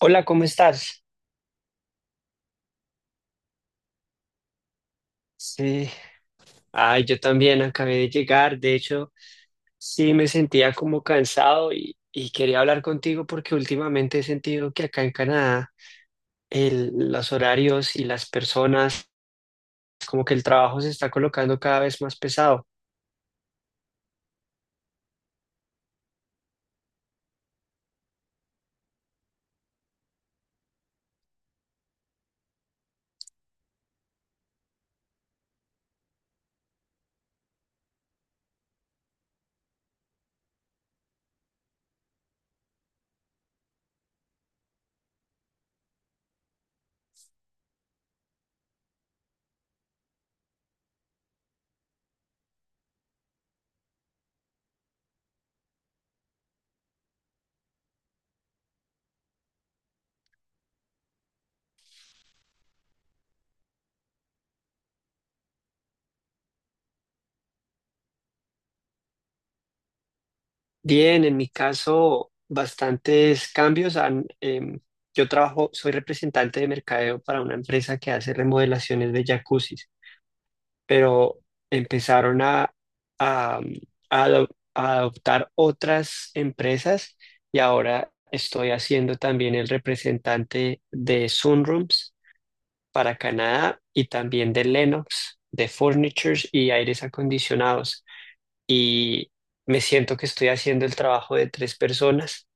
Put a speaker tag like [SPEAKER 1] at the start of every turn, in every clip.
[SPEAKER 1] Hola, ¿cómo estás? Sí, ay, yo también acabé de llegar. De hecho, sí me sentía como cansado y quería hablar contigo porque últimamente he sentido que acá en Canadá los horarios y las personas, como que el trabajo se está colocando cada vez más pesado. Bien, en mi caso, bastantes cambios han, yo trabajo, soy representante de mercadeo para una empresa que hace remodelaciones de jacuzzis, pero empezaron a, mm, a ado- a adoptar otras empresas y ahora estoy haciendo también el representante de Sunrooms para Canadá y también de Lennox, de Furnitures y aires acondicionados. Y me siento que estoy haciendo el trabajo de tres personas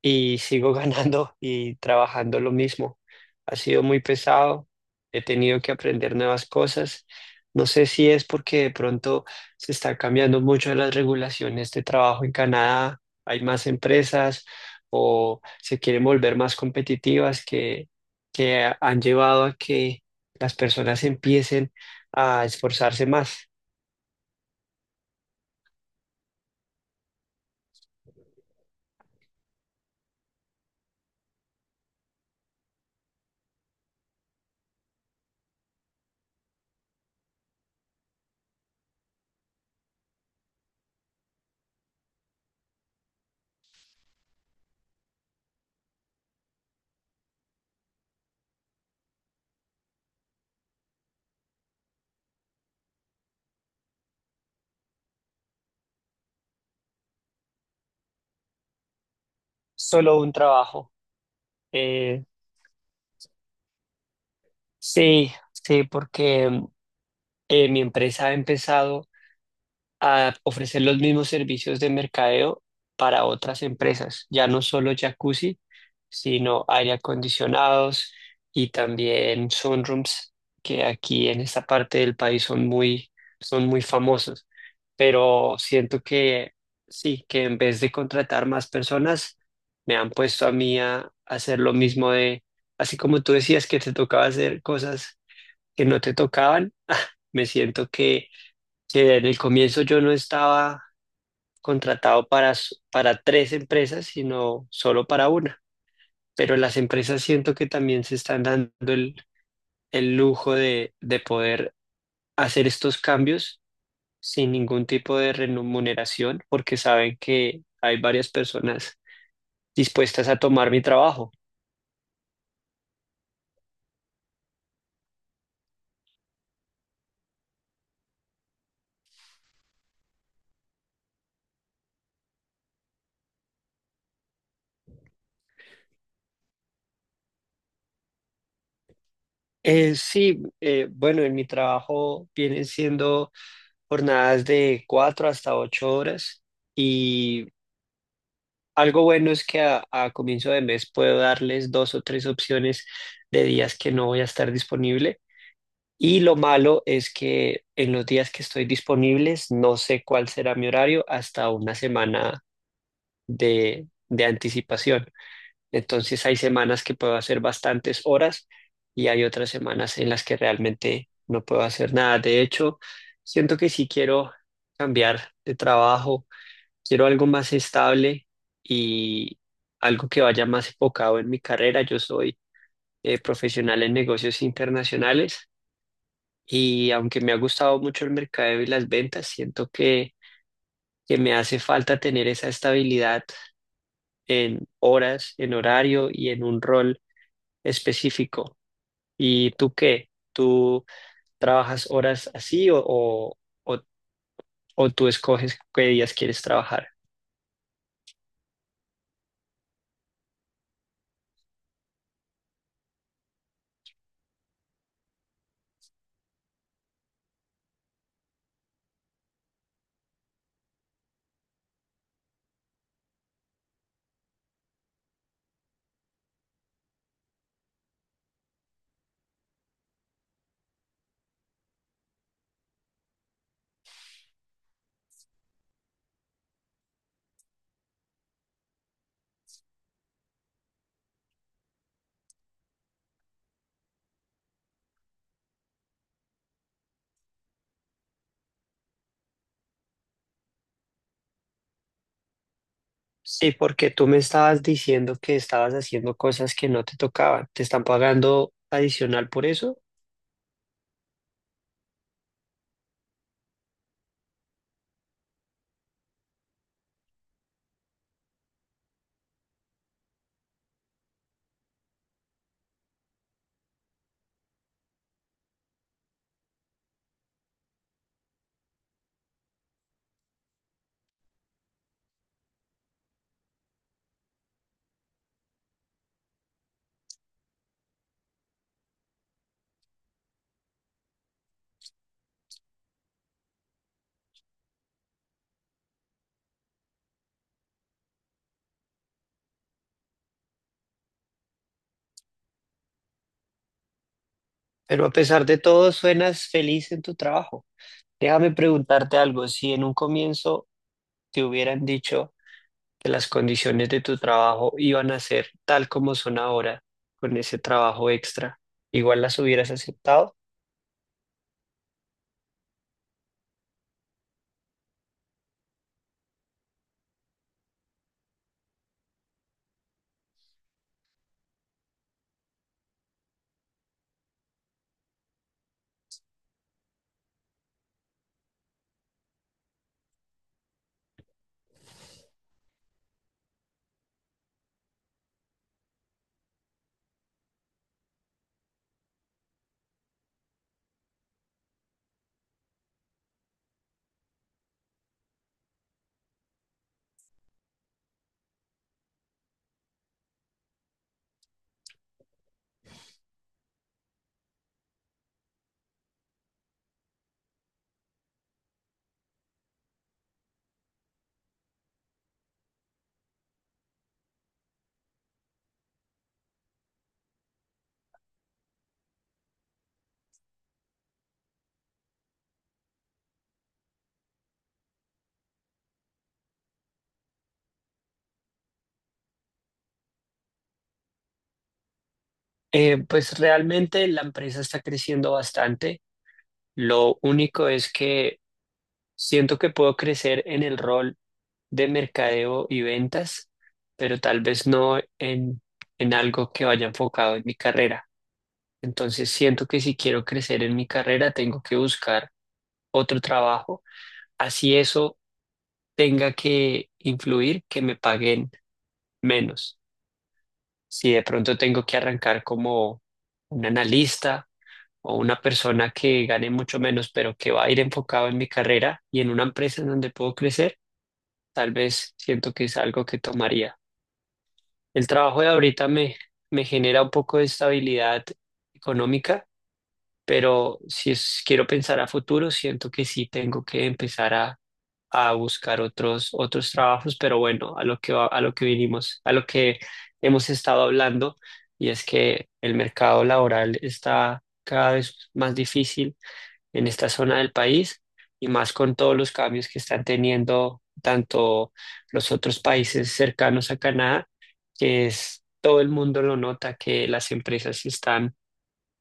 [SPEAKER 1] y sigo ganando y trabajando lo mismo. Ha sido muy pesado, he tenido que aprender nuevas cosas. No sé si es porque de pronto se están cambiando mucho las regulaciones de trabajo en Canadá, hay más empresas o se quieren volver más competitivas que han llevado a que las personas empiecen a esforzarse más. Solo un trabajo. Eh, sí, sí, porque mi empresa ha empezado a ofrecer los mismos servicios de mercadeo para otras empresas, ya no solo jacuzzi, sino aire acondicionados y también sunrooms, que aquí en esta parte del país son muy famosos. Pero siento que sí, que en vez de contratar más personas, me han puesto a mí a hacer lo mismo de, así como tú decías que te tocaba hacer cosas que no te tocaban, me siento que sí, en el comienzo yo no estaba contratado para tres empresas, sino solo para una. Pero las empresas siento que también se están dando el lujo de poder hacer estos cambios sin ningún tipo de remuneración, porque saben que hay varias personas dispuestas a tomar mi trabajo. Sí, bueno, en mi trabajo vienen siendo jornadas de cuatro hasta ocho horas. Y Algo bueno es que a comienzo de mes puedo darles dos o tres opciones de días que no voy a estar disponible. Y lo malo es que en los días que estoy disponibles no sé cuál será mi horario hasta una semana de anticipación. Entonces hay semanas que puedo hacer bastantes horas y hay otras semanas en las que realmente no puedo hacer nada. De hecho, siento que sí quiero cambiar de trabajo. Quiero algo más estable y algo que vaya más enfocado en mi carrera. Yo soy profesional en negocios internacionales, y aunque me ha gustado mucho el mercadeo y las ventas, siento que me hace falta tener esa estabilidad en horas, en horario y en un rol específico. ¿Y tú qué? ¿Tú trabajas horas así o, o tú escoges qué días quieres trabajar? Sí, porque tú me estabas diciendo que estabas haciendo cosas que no te tocaban. ¿Te están pagando adicional por eso? Pero a pesar de todo suenas feliz en tu trabajo. Déjame preguntarte algo. Si en un comienzo te hubieran dicho que las condiciones de tu trabajo iban a ser tal como son ahora, con ese trabajo extra, ¿igual las hubieras aceptado? Pues realmente la empresa está creciendo bastante. Lo único es que siento que puedo crecer en el rol de mercadeo y ventas, pero tal vez no en algo que vaya enfocado en mi carrera. Entonces siento que si quiero crecer en mi carrera, tengo que buscar otro trabajo, así eso tenga que influir que me paguen menos. Si de pronto tengo que arrancar como un analista o una persona que gane mucho menos, pero que va a ir enfocado en mi carrera y en una empresa en donde puedo crecer, tal vez siento que es algo que tomaría. El trabajo de ahorita me, me genera un poco de estabilidad económica, pero si quiero pensar a futuro, siento que sí tengo que empezar a buscar otros, otros trabajos, pero bueno, a lo a lo que vinimos, a lo que hemos estado hablando, y es que el mercado laboral está cada vez más difícil en esta zona del país, y más con todos los cambios que están teniendo tanto los otros países cercanos a Canadá, que es, todo el mundo lo nota, que las empresas están,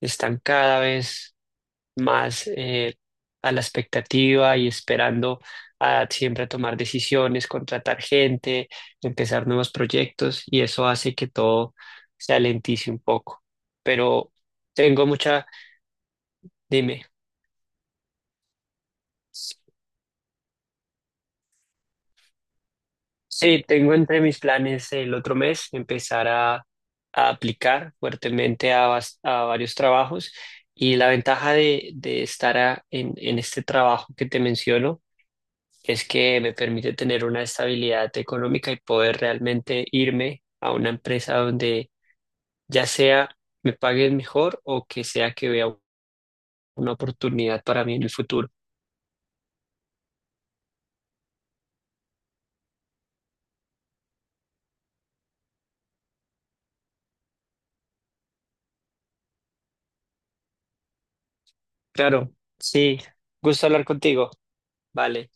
[SPEAKER 1] están cada vez más a la expectativa y esperando a siempre a tomar decisiones, contratar gente, empezar nuevos proyectos, y eso hace que todo se alentice un poco. Pero tengo mucha, dime. Sí, tengo entre mis planes el otro mes empezar a aplicar fuertemente a varios trabajos, y la ventaja de estar en este trabajo que te menciono es que me permite tener una estabilidad económica y poder realmente irme a una empresa donde ya sea me paguen mejor o que sea que vea una oportunidad para mí en el futuro. Claro, sí, gusto hablar contigo. Vale.